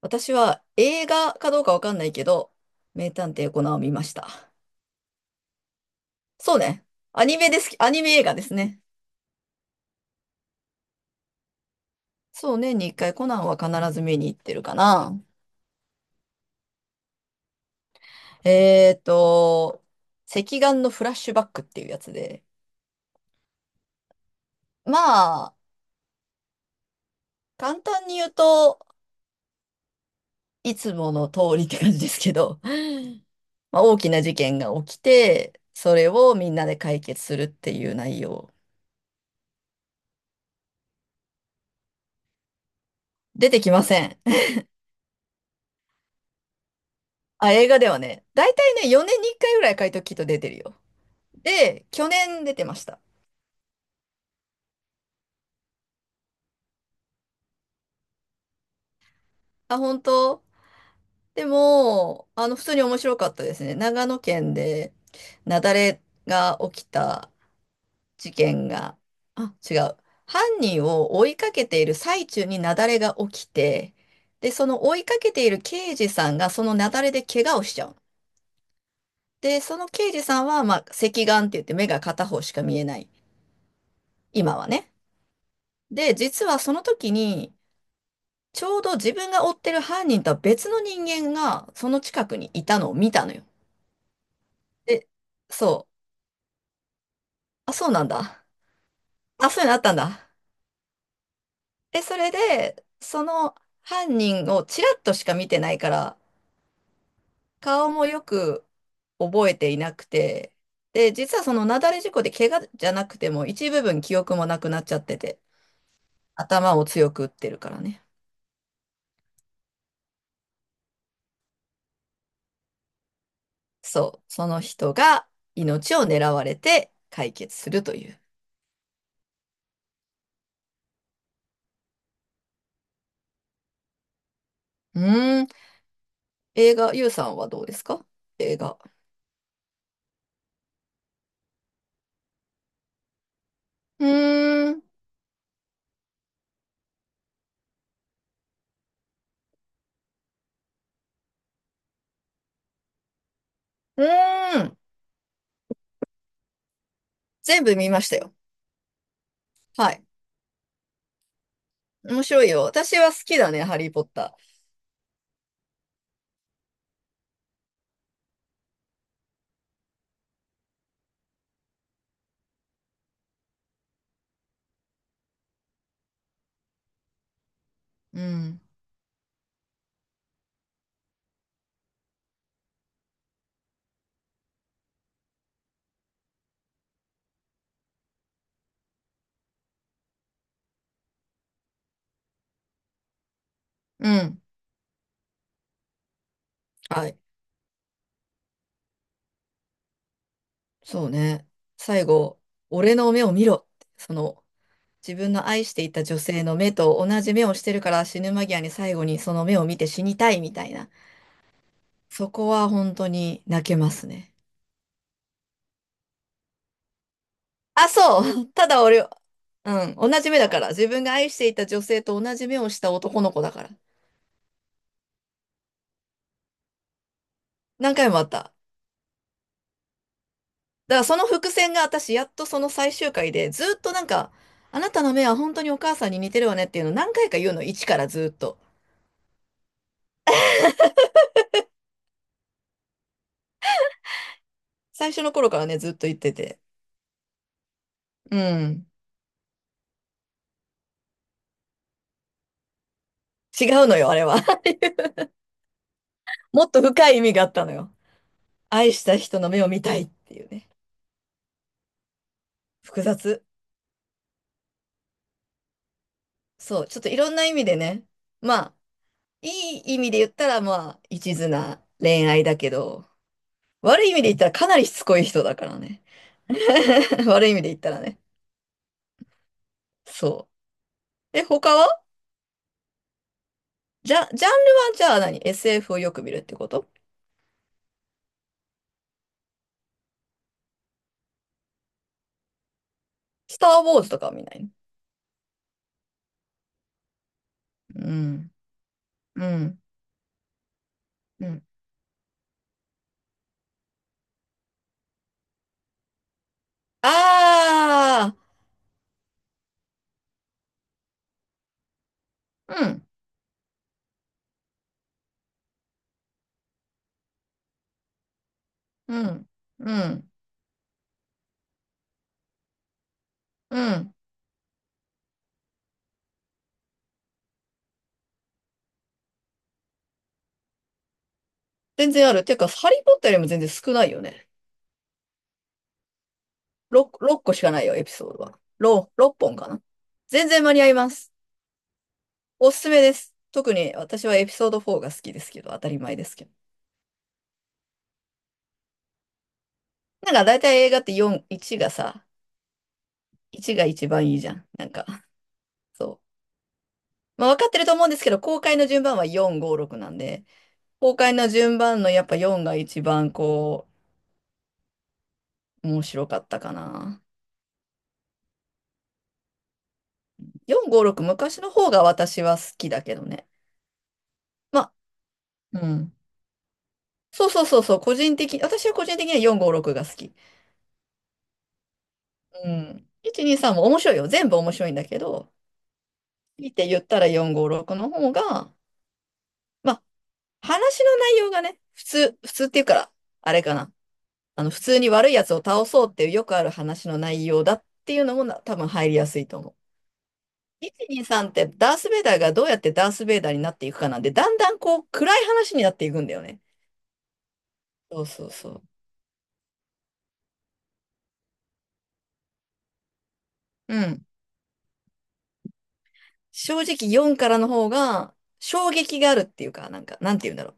私は映画かどうかわかんないけど、名探偵コナンを見ました。そうね。アニメですき。アニメ映画ですね。そうね。年に一回コナンは必ず見に行ってるかな。えーと、赤眼のフラッシュバックっていうやつで。まあ、簡単に言うといつもの通りって感じですけど、大きな事件が起きて、それをみんなで解決するっていう内容。出てきません。あ、映画ではね、だいたいね、4年に1回ぐらい書いときと出てるよ。で、去年出てました。あ、本当。でも、普通に面白かったですね。長野県で、雪崩が起きた事件が、あ、違う。犯人を追いかけている最中に雪崩が起きて、で、その追いかけている刑事さんがその雪崩で怪我をしちゃう。で、その刑事さんは、隻眼って言って目が片方しか見えない。今はね。で、実はその時に、ちょうど自分が追ってる犯人とは別の人間がその近くにいたのを見たのよ。で、そう。あ、そうなんだ。あ、そういうのあったんだ。で、それで、その犯人をちらっとしか見てないから、顔もよく覚えていなくて、で、実はその雪崩事故で怪我じゃなくても一部分記憶もなくなっちゃってて、頭を強く打ってるからね。そう。その人が命を狙われて解決するという。うーん。映画、ゆうさんはどうですか？映画。うーん。うーん。全部見ましたよ。はい。面白いよ。私は好きだね、ハリー・ポッター。うん。うん。はい。そうね。最後、俺の目を見ろって。その、自分の愛していた女性の目と同じ目をしてるから死ぬ間際に最後にその目を見て死にたいみたいな。そこは本当に泣けますね。あ、そう。ただ俺、うん。同じ目だから。自分が愛していた女性と同じ目をした男の子だから。何回もあった。だからその伏線が私やっとその最終回でずっとなんか、あなたの目は本当にお母さんに似てるわねっていうのを何回か言うの、一からずっと。最初の頃からね、ずっと言ってて。うん。違うのよ、あれは。もっと深い意味があったのよ。愛した人の目を見たいっていうね。複雑。そう、ちょっといろんな意味でね。まあ、いい意味で言ったら一途な恋愛だけど、悪い意味で言ったらかなりしつこい人だからね。悪い意味で言ったらね。そう。え、他は？じゃ、ジャンルはじゃあ何？ SF をよく見るってこと？スター・ウォーズとかは見ないの？うん。うん。うん。ああ、うん。うん。うん。うん。全然ある。ていうか、ハリー・ポッターよりも全然少ないよね。6、6個しかないよ、エピソードは。6、6本かな。全然間に合います。おすすめです。特に私はエピソード4が好きですけど、当たり前ですけど。なんか大体映画って4、1がさ、1が一番いいじゃん。なんか、そう。分かってると思うんですけど、公開の順番は4、5、6なんで、公開の順番のやっぱ4が一番面白かったかな。4、5、6、昔の方が私は好きだけどね。まあ、うん。そうそうそうそう、個人的、私は個人的には4、5、6が好き。うん。1、2、3も面白いよ。全部面白いんだけど、見て言ったら4、5、6の方が、まあ、話の内容がね、普通っていうから、あれかな。普通に悪いやつを倒そうっていうよくある話の内容だっていうのもな多分入りやすいと思う。123ってダース・ベイダーがどうやってダース・ベイダーになっていくかなんで、だんだんこう暗い話になっていくんだよね。そうそうそう。うん。正直4からの方が衝撃があるっていうか、なんか、なんて言うんだろう。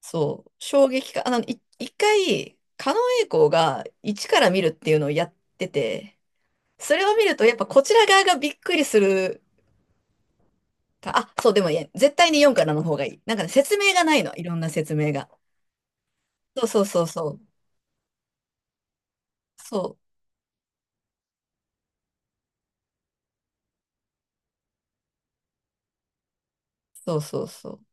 そう。衝撃か。一回、狩野英孝が1から見るっていうのをやってて、それを見るとやっぱこちら側がびっくりするか、あ、そう、でもいや、絶対に4からの方がいい。なんかね、説明がないの、いろんな説明が。そうそうそうそう。そうそうそうそう。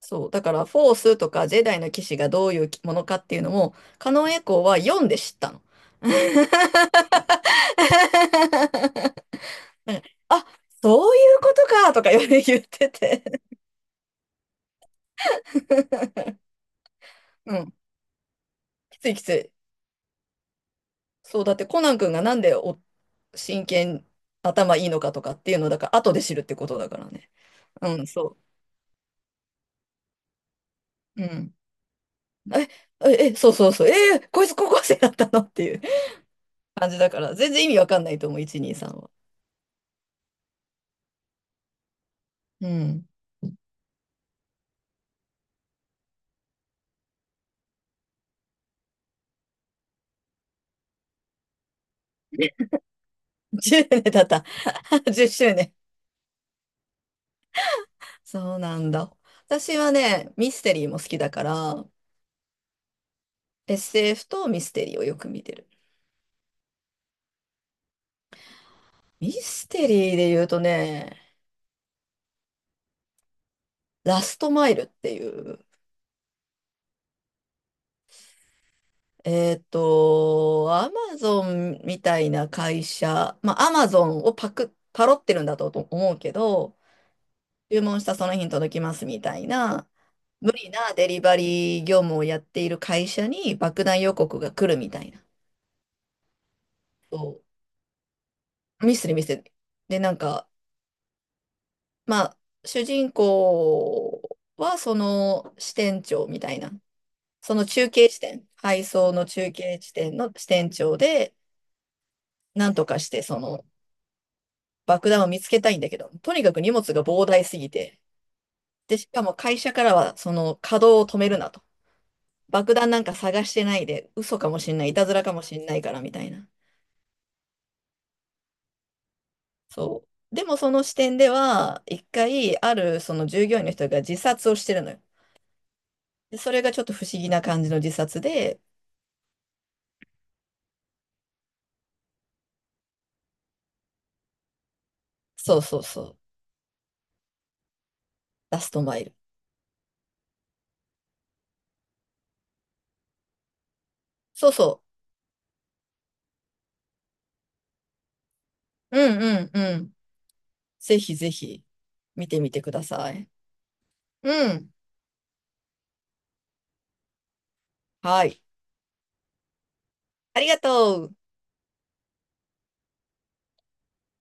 そう。だから、フォースとかジェダイの騎士がどういうものかっていうのも、カノンエコーは読んで知ったの。なんかあ、そういうことかとか言ってて。うん。きついきつい。そう、だってコナン君がなんで真剣頭いいのかとかっていうのだから、後で知るってことだからね。うん、そう。うん。え、え、え、そうそうそう。えーこいつ高校生だったのっていう感じだから、全然意味わかんないと思う、123は。うん。10年経った。10周年。そうなんだ。私はね、ミステリーも好きだから、SF とミステリーをよく見てる。ミステリーで言うとね、ラストマイルっていう、アマゾンみたいな会社、アマゾンをパロってるんだと思うけど、注文したその日に届きますみたいな、無理なデリバリー業務をやっている会社に爆弾予告が来るみたいな。そう、ミスで、ミスで。で、なんか、まあ、主人公はその支店長みたいな、その中継地点、配送の中継地点の支店長で、なんとかしてその爆弾を見つけたいんだけど、とにかく荷物が膨大すぎて、で、しかも会社からはその稼働を止めるなと。爆弾なんか探してないで、嘘かもしんない、いたずらかもしんないからみたいな。そう。でもその視点では、一回、あるその従業員の人が自殺をしてるのよ。で、それがちょっと不思議な感じの自殺で、そうそうそう、ラストマイル。そうそう。うんうんうん。ぜひぜひ、見てみてください。うん。はい。ありがとう。